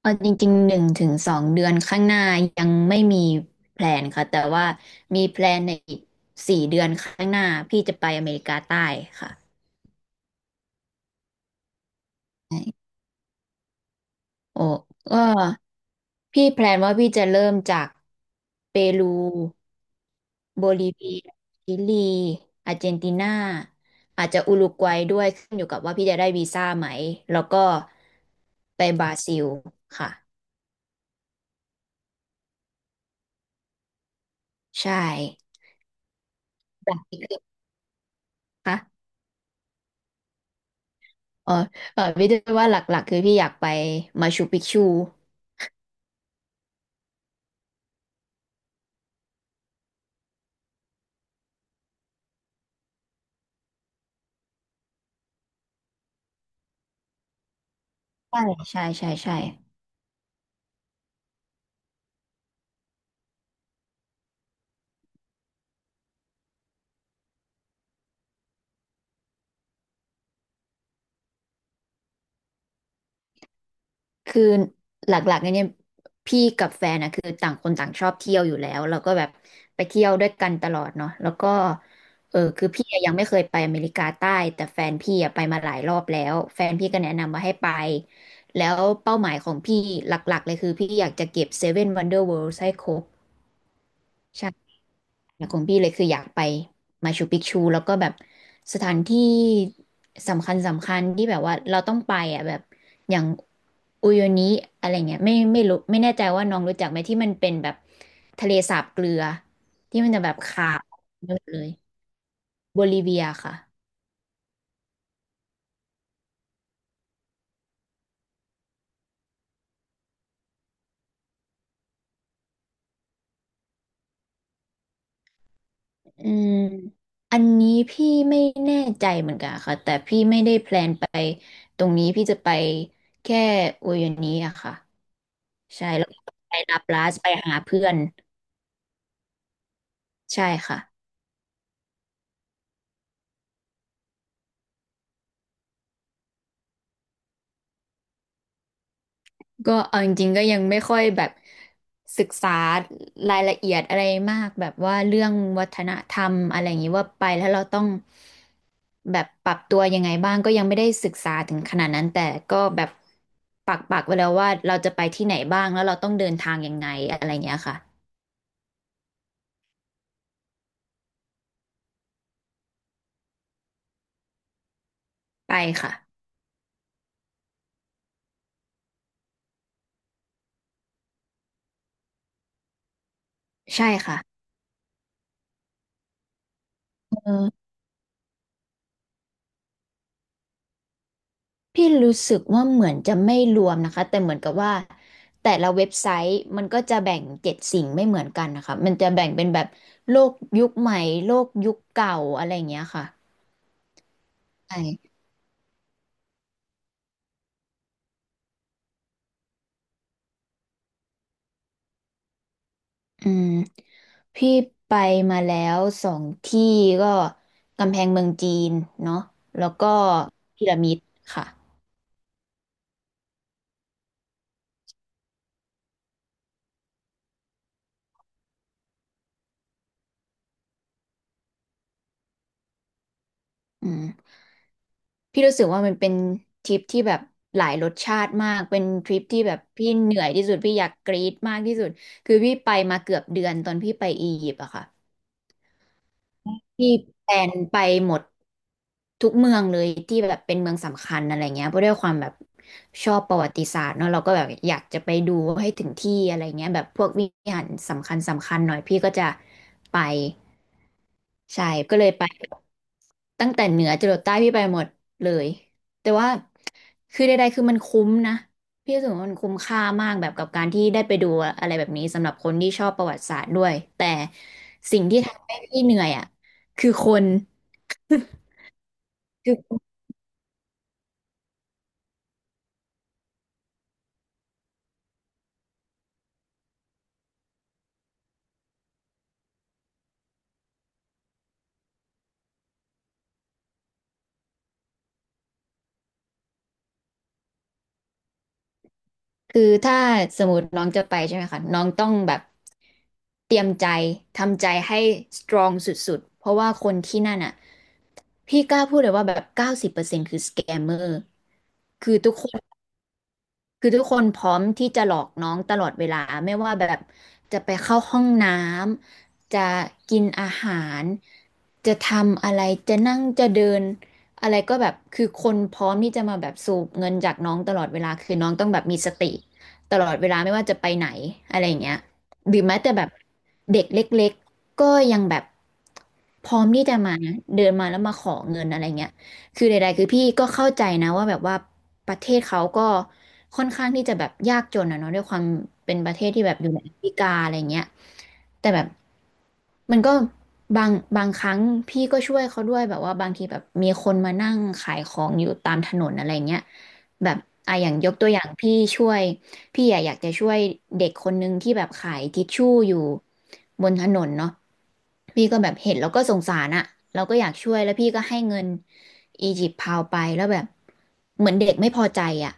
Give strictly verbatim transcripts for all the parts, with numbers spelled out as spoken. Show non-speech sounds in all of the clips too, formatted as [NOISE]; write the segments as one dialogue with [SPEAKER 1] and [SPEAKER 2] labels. [SPEAKER 1] เออจริงๆหนึ่งถึงสองเดือนข้างหน้ายังไม่มีแพลนค่ะแต่ว่ามีแพลนในอีกสี่เดือนข้างหน้าพี่จะไปอเมริกาใต้ค่ะใช่โอ้ก็พี่แพลนว่าพี่จะเริ่มจากเปรูโบลิเวียชิลีอาร์เจนตินาอาจจะอุรุกวัยด้วยขึ้นอยู่กับว่าพี่จะได้วีซ่าไหมแล้วก็ไปบราซิลค่ะใช่แบบนี้คือค่ะ เออเออพี่ด้วยว่าหลักๆคือพี่อยากไปมาชูปิกชูใช่ใช่ใช่ใช่คือหลักๆเนี่ยพี่กับแฟนนะคือต่างคนต่างชอบเที่ยวอยู่แล้วแล้วก็แบบไปเที่ยวด้วยกันตลอดเนาะแล้วก็เออคือพี่อะยังไม่เคยไปอเมริกาใต้แต่แฟนพี่อะไปมาหลายรอบแล้วแฟนพี่ก็แนะนำมาให้ไปแล้วเป้าหมายของพี่หลักๆเลยคือพี่อยากจะเก็บเซเว่นวันเดอร์เวิลด์ให้ครบ อยากของพี่เลยคืออยากไปมาชูปิกชูแล้วก็แบบสถานที่สำคัญสำคัญที่แบบว่าเราต้องไปอ่ะแบบอย่างอุโยนิอะไรเงี้ยไม่ไม่รู้ไม่แน่ใจว่าน้องรู้จักไหมที่มันเป็นแบบทะเลสาบเกลือที่มันจะแบบขาวไปหมดเลยโบลิเวียค่ะอืมอันนี้พี่ไม่แน่ใจเหมือนกันค่ะแต่พี่ไม่ได้แพลนไปตรงนี้พี่จะไปแค่อุโยนิอะค่ะใช่แล้วก็ไปลาปลาสไปหาเพื่อน ใช่ค่ะก็เอาจริงๆก็ยังไม่ค่อยแบบศึกษารายละเอียดอะไรมากแบบว่าเรื่องวัฒนธรรมอะไรอย่างนี้ว่าไปแล้วเราต้องแบบปรับตัวยังไงบ้างก็ยังไม่ได้ศึกษาถึงขนาดนั้นแต่ก็แบบปักปักไว้แล้วว่าเราจะไปที่ไหนบ้างแล้วเราต้องเดินทางยังไงอะไรอย่างเงี้ยค่ะไปค่ะใช่ค่ะเออ พี่รู้สึกว่าเหมือนจะไม่รวมนะคะแต่เหมือนกับว่าแต่ละเว็บไซต์มันก็จะแบ่งเจ็ดสิ่งไม่เหมือนกันนะคะมันจะแบ่งเป็นแบบโลกยุคใหม่โลกยุคเก่าอะไรอย่างเงี้ยค่ะใช่อืมพี่ไปมาแล้วสองที่ก็กำแพงเมืองจีนเนาะแล้วก็พีระมิดค่ะอืม พี่รู้สึกว่ามันเป็นทริปที่แบบหลายรสชาติมากเป็นทริปที่แบบพี่เหนื่อยที่สุดพี่อยากกรี๊ดมากที่สุดคือพี่ไปมาเกือบเดือนตอนพี่ไปอียิปต์อะค่ะพี่แพลนไปหมดทุกเมืองเลยที่แบบเป็นเมืองสำคัญอะไรเงี้ยเพราะด้วยความแบบชอบประวัติศาสตร์เนาะเราก็แบบอยากจะไปดูให้ถึงที่อะไรเงี้ยแบบพวกวิหารสำคัญสำคัญหน่อยพี่ก็จะไปใช่ก็เลยไป ตั้งแต่เหนือจรดใต้พี่ไปหมดเลยแต่ว่าคือใดๆคือมันคุ้มนะพี่รู้สึกว่ามันคุ้มค่ามากแบบกับการที่ได้ไปดูอะไรแบบนี้สำหรับคนที่ชอบประวัติศาสตร์ด้วยแต่สิ่งที่ทำให้พี่เหนื่อยอ่ะคือคน [LAUGHS] คือคือถ้าสมมติน้องจะไปใช่ไหมคะน้องต้องแบบเตรียมใจทำใจให้สตรองสุดๆเพราะว่าคนที่นั่นอ่ะพี่กล้าพูดเลยว่าแบบเก้าสิบเปอร์เซ็นต์คือสแกมเมอร์คือทุกคน คือทุกคนพร้อมที่จะหลอกน้องตลอดเวลาไม่ว่าแบบจะไปเข้าห้องน้ำจะกินอาหารจะทำอะไรจะนั่งจะเดินอะไรก็แบบคือคนพร้อมที่จะมาแบบสูบเงินจากน้องตลอดเวลาคือน้องต้องแบบมีสติตลอดเวลาไม่ว่าจะไปไหนอะไรอย่างเงี้ยหรือแม้แต่แบบเด็กเล็กๆก็ยังแบบพร้อมที่จะมาเดินมาแล้วมาขอเงินอะไรเงี้ย คือใดๆคือพี่ก็เข้าใจนะว่าแบบว่าประเทศเขาก็ค่อนข้างที่จะแบบยากจนอะเนาะด้วยความเป็นประเทศที่แบบอยู่ในแอฟริกาอะไรเงี้ยแต่แบบมันก็บางบางครั้งพี่ก็ช่วยเขาด้วยแบบว่าบางทีแบบมีคนมานั่งขายของอยู่ตามถนนอะไรเงี้ย แบบอ่ะอย่างยกตัวอย่างพี่ช่วยพี่อะอยากจะช่วยเด็กคนนึงที่แบบขายทิชชู่อยู่บนถนนเนาะพี่ก็แบบเห็นแล้วก็สงสารอะเราก็อยากช่วยแล้วพี่ก็ให้เงินอียิปต์พาวไปแล้วแบบเหมือนเด็กไม่พอใจอะ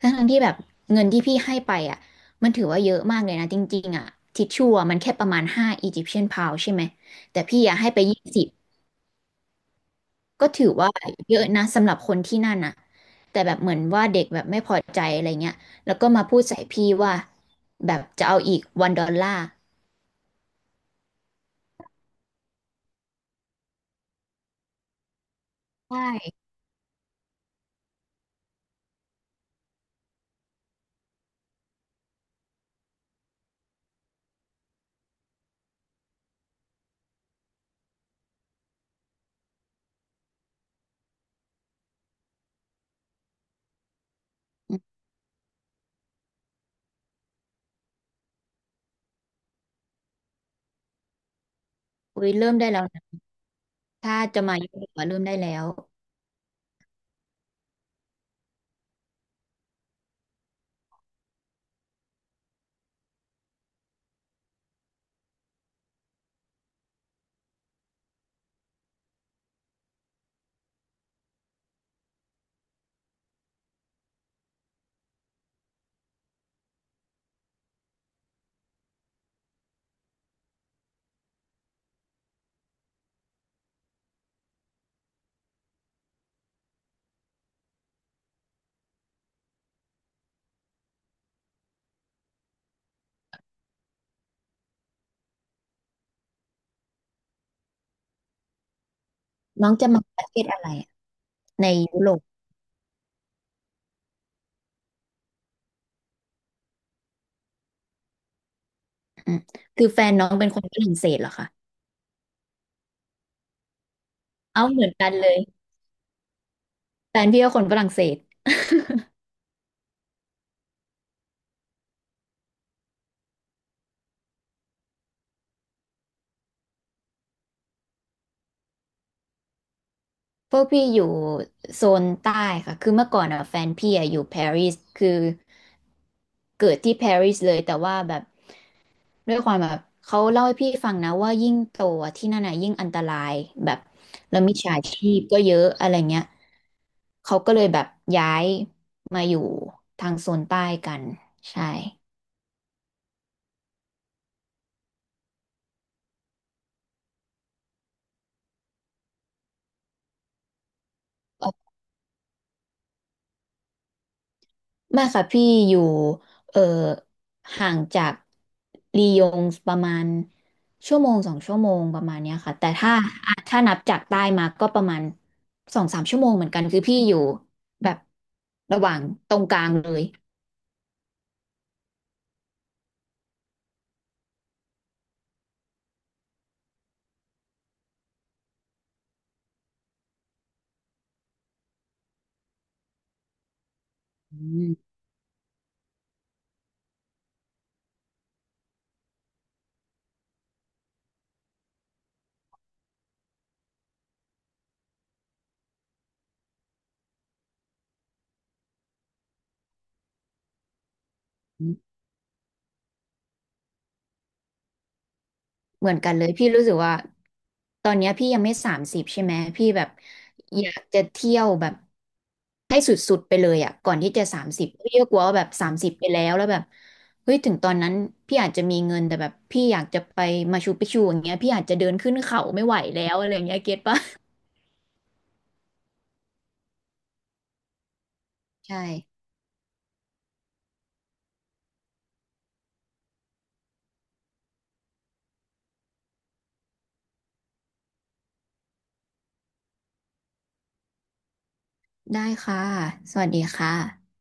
[SPEAKER 1] ทั้งๆที่แบบเงินที่พี่ให้ไปอะมันถือว่าเยอะมากเลยนะจริงๆอะทิชชู่อะมันแค่ประมาณห้าอียิปเชียนพาวใช่ไหมแต่พี่อยากให้ไปยี่สิบ ก็ถือว่าเยอะนะสำหรับคนที่นั่นน่ะแต่แบบเหมือนว่าเด็กแบบไม่พอใจอะไรเงี้ยแล้วก็มาพูดใส่พี่ว่าแบบจะเอาอีกวันดอลลาร์ใช่อุ้ยเริ่มได้แล้วนะถ้าจะมายุโรปอะเริ่มได้แล้วน้องจะมาประเทศอะไรอะในยุโรปอืมคือแฟนน้องเป็นคนฝรั่งเศสเหรอคะเอาเหมือนกันเลยแฟนพี่ก็คนฝรั่งเศสพวกพี่อยู่โซนใต้ค่ะคือเมื่อก่อนอ่ะแฟนพี่อะอยู่ปารีสคือ เกิดที่ปารีสเลยแต่ว่าแบบด้วยความแบบเขาเล่าให้พี่ฟังนะว่ายิ่งโตอะที่นั่นน่ะยิ่งอันตรายแบบแล้วมิจฉาชีพก็เยอะอะไรเงี้ยเขาก็เลยแบบย้ายมาอยู่ทางโซนใต้กันใช่ ไม่ค่ะพี่อยู่เอ่อห่างจากลียงประมาณชั่วโมงสองชั่วโมงประมาณเนี้ยค่ะแต่ถ้าอ่ะถ้านับจากใต้มาก็ประมาณสองสามชั่วโมงเหมือนกันคือพี่อยู่แบบระหว่างตรงกลางเลยอืม เหมือนกันเลยพี่รู้สึกว่าตอนเนี้ยพี่ยังไม่สามสิบใช่ไหมพี่แบบอยากจะเที่ยวแบบให้สุดๆไปเลยอ่ะก่อนที่จะสามสิบพี่ก็กลัวว่าแบบสามสิบไปแล้วแล้วแบบเฮ้ยถึงตอนนั้นพี่อาจจะมีเงินแต่แบบพี่อยากจะไปมาชูปิกชูอย่างเงี้ยพี่อาจจะเดินขึ้นเขาไม่ไหวแล้วอะไรอย่างเงี้ยเก็ตปะ [LAUGHS] ใช่ได้ค่ะสวัสดีค่ะ